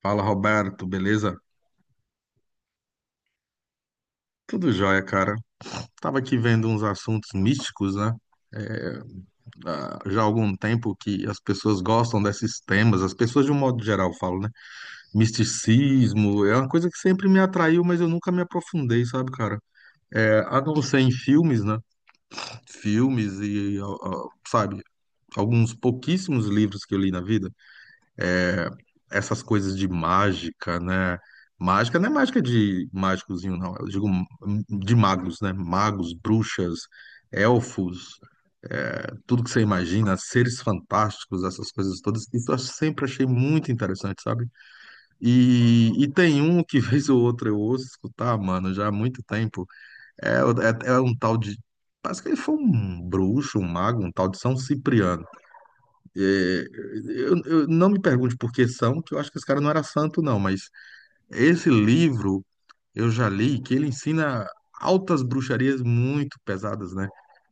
Fala, Roberto, beleza? Tudo jóia, cara. Tava aqui vendo uns assuntos místicos, né? Já há algum tempo que as pessoas gostam desses temas, as pessoas de um modo geral falam, né? Misticismo é uma coisa que sempre me atraiu, mas eu nunca me aprofundei, sabe, cara? É, a não ser em filmes, né? Filmes e, ó, ó, sabe, alguns pouquíssimos livros que eu li na vida. Essas coisas de mágica, né? Mágica não é mágica de mágicozinho, não. Eu digo de magos, né? Magos, bruxas, elfos, é, tudo que você imagina, seres fantásticos, essas coisas todas. Isso eu sempre achei muito interessante, sabe? E tem um que vez ou outra eu ouço escutar, mano, já há muito tempo. É, é um tal de. Parece que ele foi um bruxo, um mago, um tal de São Cipriano. É, não me pergunte por que são, que eu acho que esse cara não era santo, não, mas esse livro eu já li que ele ensina altas bruxarias muito pesadas, né?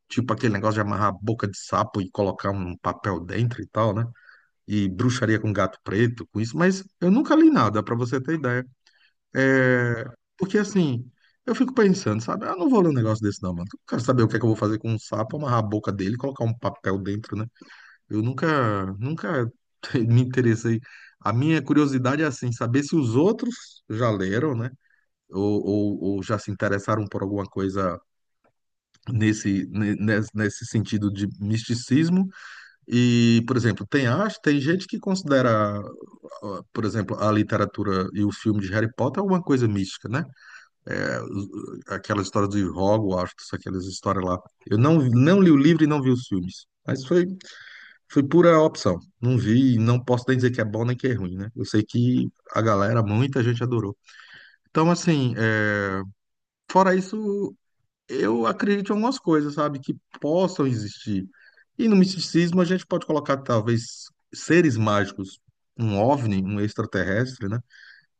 Tipo aquele negócio de amarrar a boca de sapo e colocar um papel dentro e tal, né? E bruxaria com gato preto, com isso, mas eu nunca li nada, pra você ter ideia. É... Porque assim, eu fico pensando, sabe? Ah, não vou ler um negócio desse não, mano. Eu quero saber o que é que eu vou fazer com um sapo, amarrar a boca dele e colocar um papel dentro, né? Eu nunca me interessei. A minha curiosidade é assim, saber se os outros já leram, né? Ou já se interessaram por alguma coisa nesse sentido de misticismo. E, por exemplo, tem gente que considera, ah, por exemplo, a literatura e o filme de Harry Potter alguma coisa mística, né? É, os- aquela história de Hogwarts, aquelas histórias lá. Eu não li o livro e não vi os filmes. Foi pura opção. Não vi, e não posso nem dizer que é bom nem que é ruim, né? Eu sei que a galera, muita gente adorou. Então, assim, fora isso, eu acredito em algumas coisas, sabe, que possam existir. E no misticismo a gente pode colocar talvez seres mágicos, um OVNI, um extraterrestre, né?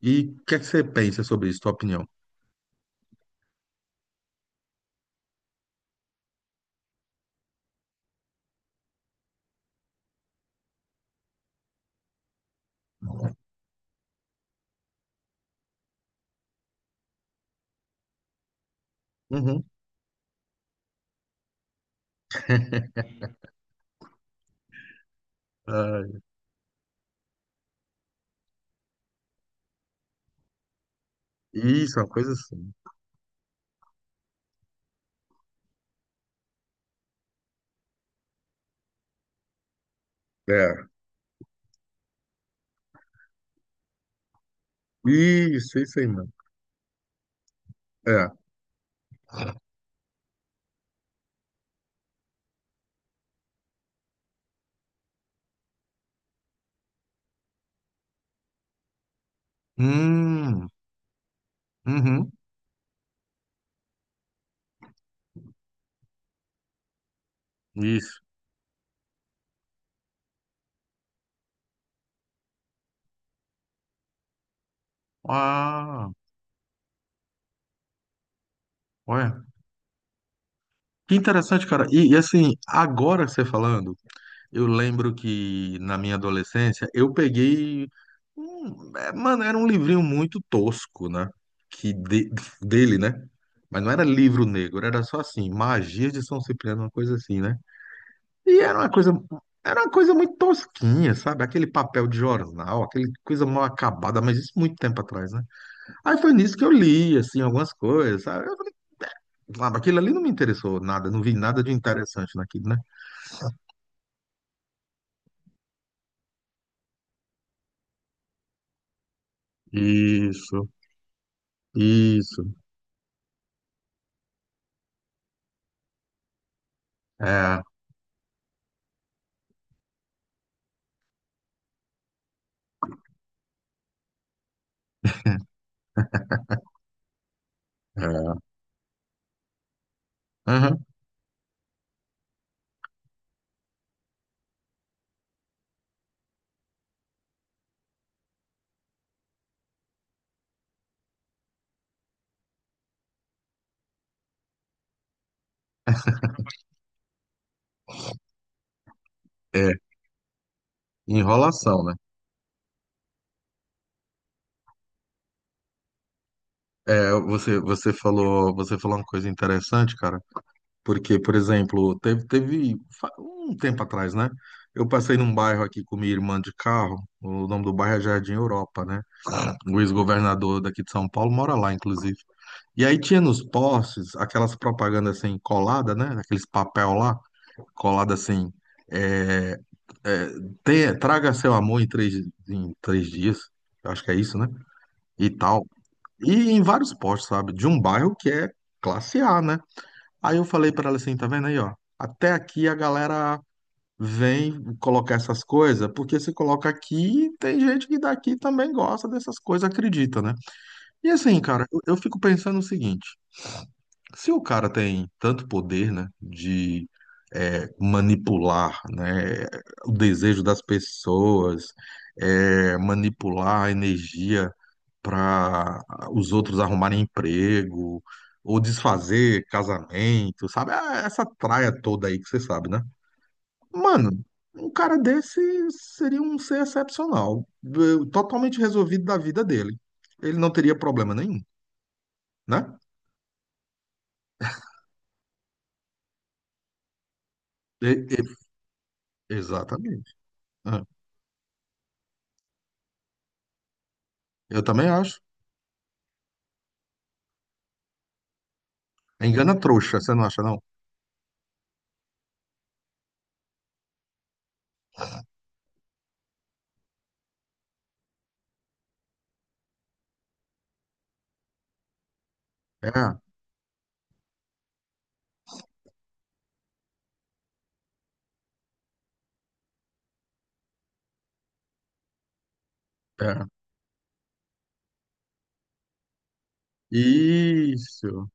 E o que é que você pensa sobre isso, tua opinião? Uhum. Ah, isso, é uma coisa assim. É. Isso aí, mano. É. Hum, uhum, isso. Ah, olha. Que interessante, cara. E assim, agora que você falando. Eu lembro que na minha adolescência eu peguei. É, mano, era um livrinho muito tosco, né? Que de- dele, né? Mas não era livro negro, era só assim, Magias de São Cipriano, uma coisa assim, né? E era uma coisa, era uma coisa muito tosquinha, sabe? Aquele papel de jornal, aquele coisa mal acabada, mas isso muito tempo atrás, né? Aí foi nisso que eu li, assim, algumas coisas, sabe? Eu falei, sabe, aquilo ali não me interessou nada, não vi nada de interessante naquilo, né? Isso, isso. É, é, aham, é, enrolação, né? É, você falou uma coisa interessante, cara, porque, por exemplo, um tempo atrás, né? Eu passei num bairro aqui com minha irmã de carro, o nome do bairro é Jardim Europa, né? O ex-governador daqui de São Paulo mora lá, inclusive. E aí tinha nos postes aquelas propagandas assim, colada, né? Aqueles papel lá, colada assim, é, é, traga seu em três dias, eu acho que é isso, né? E tal. E em vários postos, sabe? De um bairro que é classe A, né? Aí eu falei pra ela assim, tá vendo aí, ó? Até aqui a galera vem colocar essas coisas, porque se coloca aqui, tem gente que daqui também gosta dessas coisas, acredita, né? E assim, cara, eu fico pensando o seguinte, se o cara tem tanto poder, né, de manipular, né, o desejo das pessoas, manipular a energia para os outros arrumarem emprego ou desfazer casamento, sabe? Essa traia toda aí que você sabe, né? Mano, um cara desse seria um ser excepcional, totalmente resolvido da vida dele. Ele não teria problema nenhum, né? E- e- exatamente. É. Eu também acho. É, engana trouxa, você não acha, não? É, é. Isso.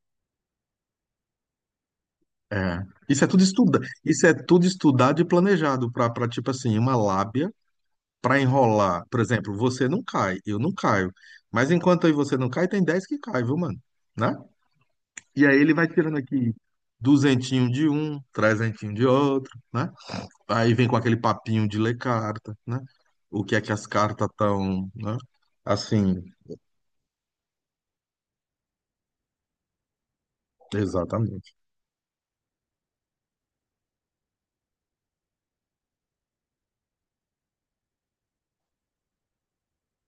É. Isso é tudo estudado e planejado para tipo assim, uma lábia para enrolar, por exemplo, você não cai, eu não caio. Mas enquanto aí você não cai, tem 10 que cai, viu, mano? Né? E aí ele vai tirando aqui duzentinho de um, trezentinho de outro, né? Aí vem com aquele papinho de ler carta, né? O que é que as cartas estão, né? Assim, exatamente.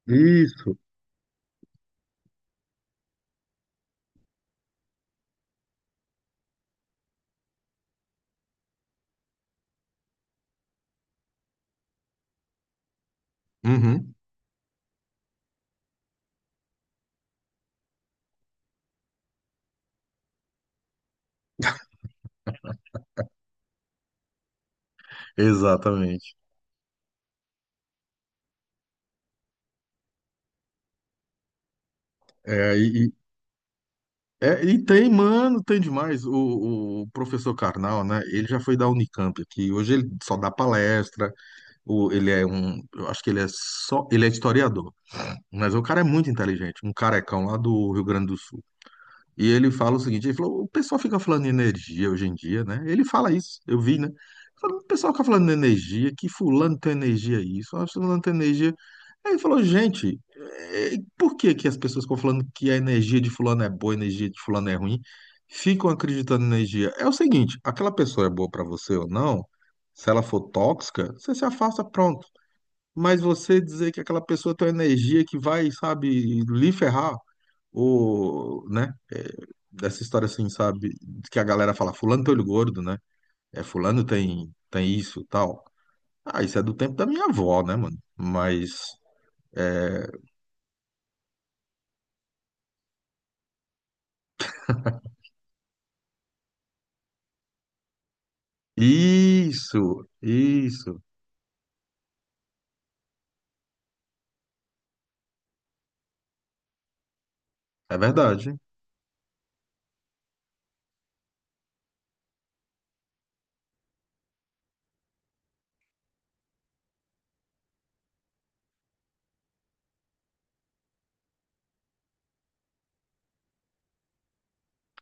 Isso. Uhum, exatamente. É, e, e- e tem, mano, tem demais. O professor Karnal, né? Ele já foi da Unicamp aqui. Hoje ele só dá palestra, o, ele é um, eu acho que ele é só, ele é historiador, mas o cara é muito inteligente, um carecão lá do Rio Grande do Sul. E ele fala o seguinte, ele falou, o pessoal fica falando de energia hoje em dia, né? Ele fala isso, eu vi, né? Ele falou, o pessoal fica falando de energia, que fulano tem energia isso, ah, fulano tem energia. Aí ele falou, gente, por que que as pessoas ficam falando que a energia de fulano é boa, a energia de fulano é ruim? Ficam acreditando na energia. É o seguinte, aquela pessoa é boa pra você ou não, se ela for tóxica, você se afasta, pronto. Mas você dizer que aquela pessoa tem uma energia que vai, sabe, lhe ferrar, ou, né? Dessa história assim, sabe? Que a galera fala, fulano tem olho gordo, né? É, fulano tem isso, tal. Ah, isso é do tempo da minha avó, né, mano? Mas, é, isso, isso. É verdade.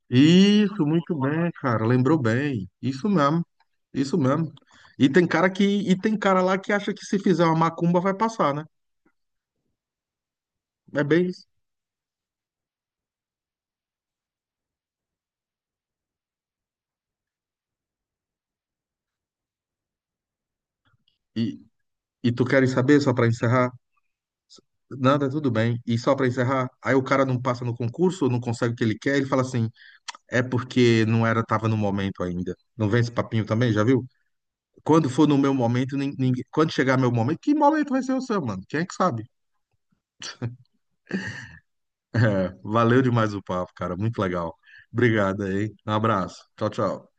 Isso, muito bem, cara. Lembrou bem. Isso mesmo. Isso mesmo. E tem cara lá que acha que se fizer uma macumba vai passar, né? É bem isso. E, e tu queres saber, só para encerrar? Nada, tudo bem. E só para encerrar, aí o cara não passa no concurso, não consegue o que ele quer, ele fala assim: é porque não era, tava no momento ainda. Não vem esse papinho também, já viu? Quando for no meu momento, ninguém, quando chegar meu momento, que momento vai ser o seu, mano? Quem é que sabe? É, valeu demais o papo, cara. Muito legal. Obrigado aí. Um abraço. Tchau, tchau.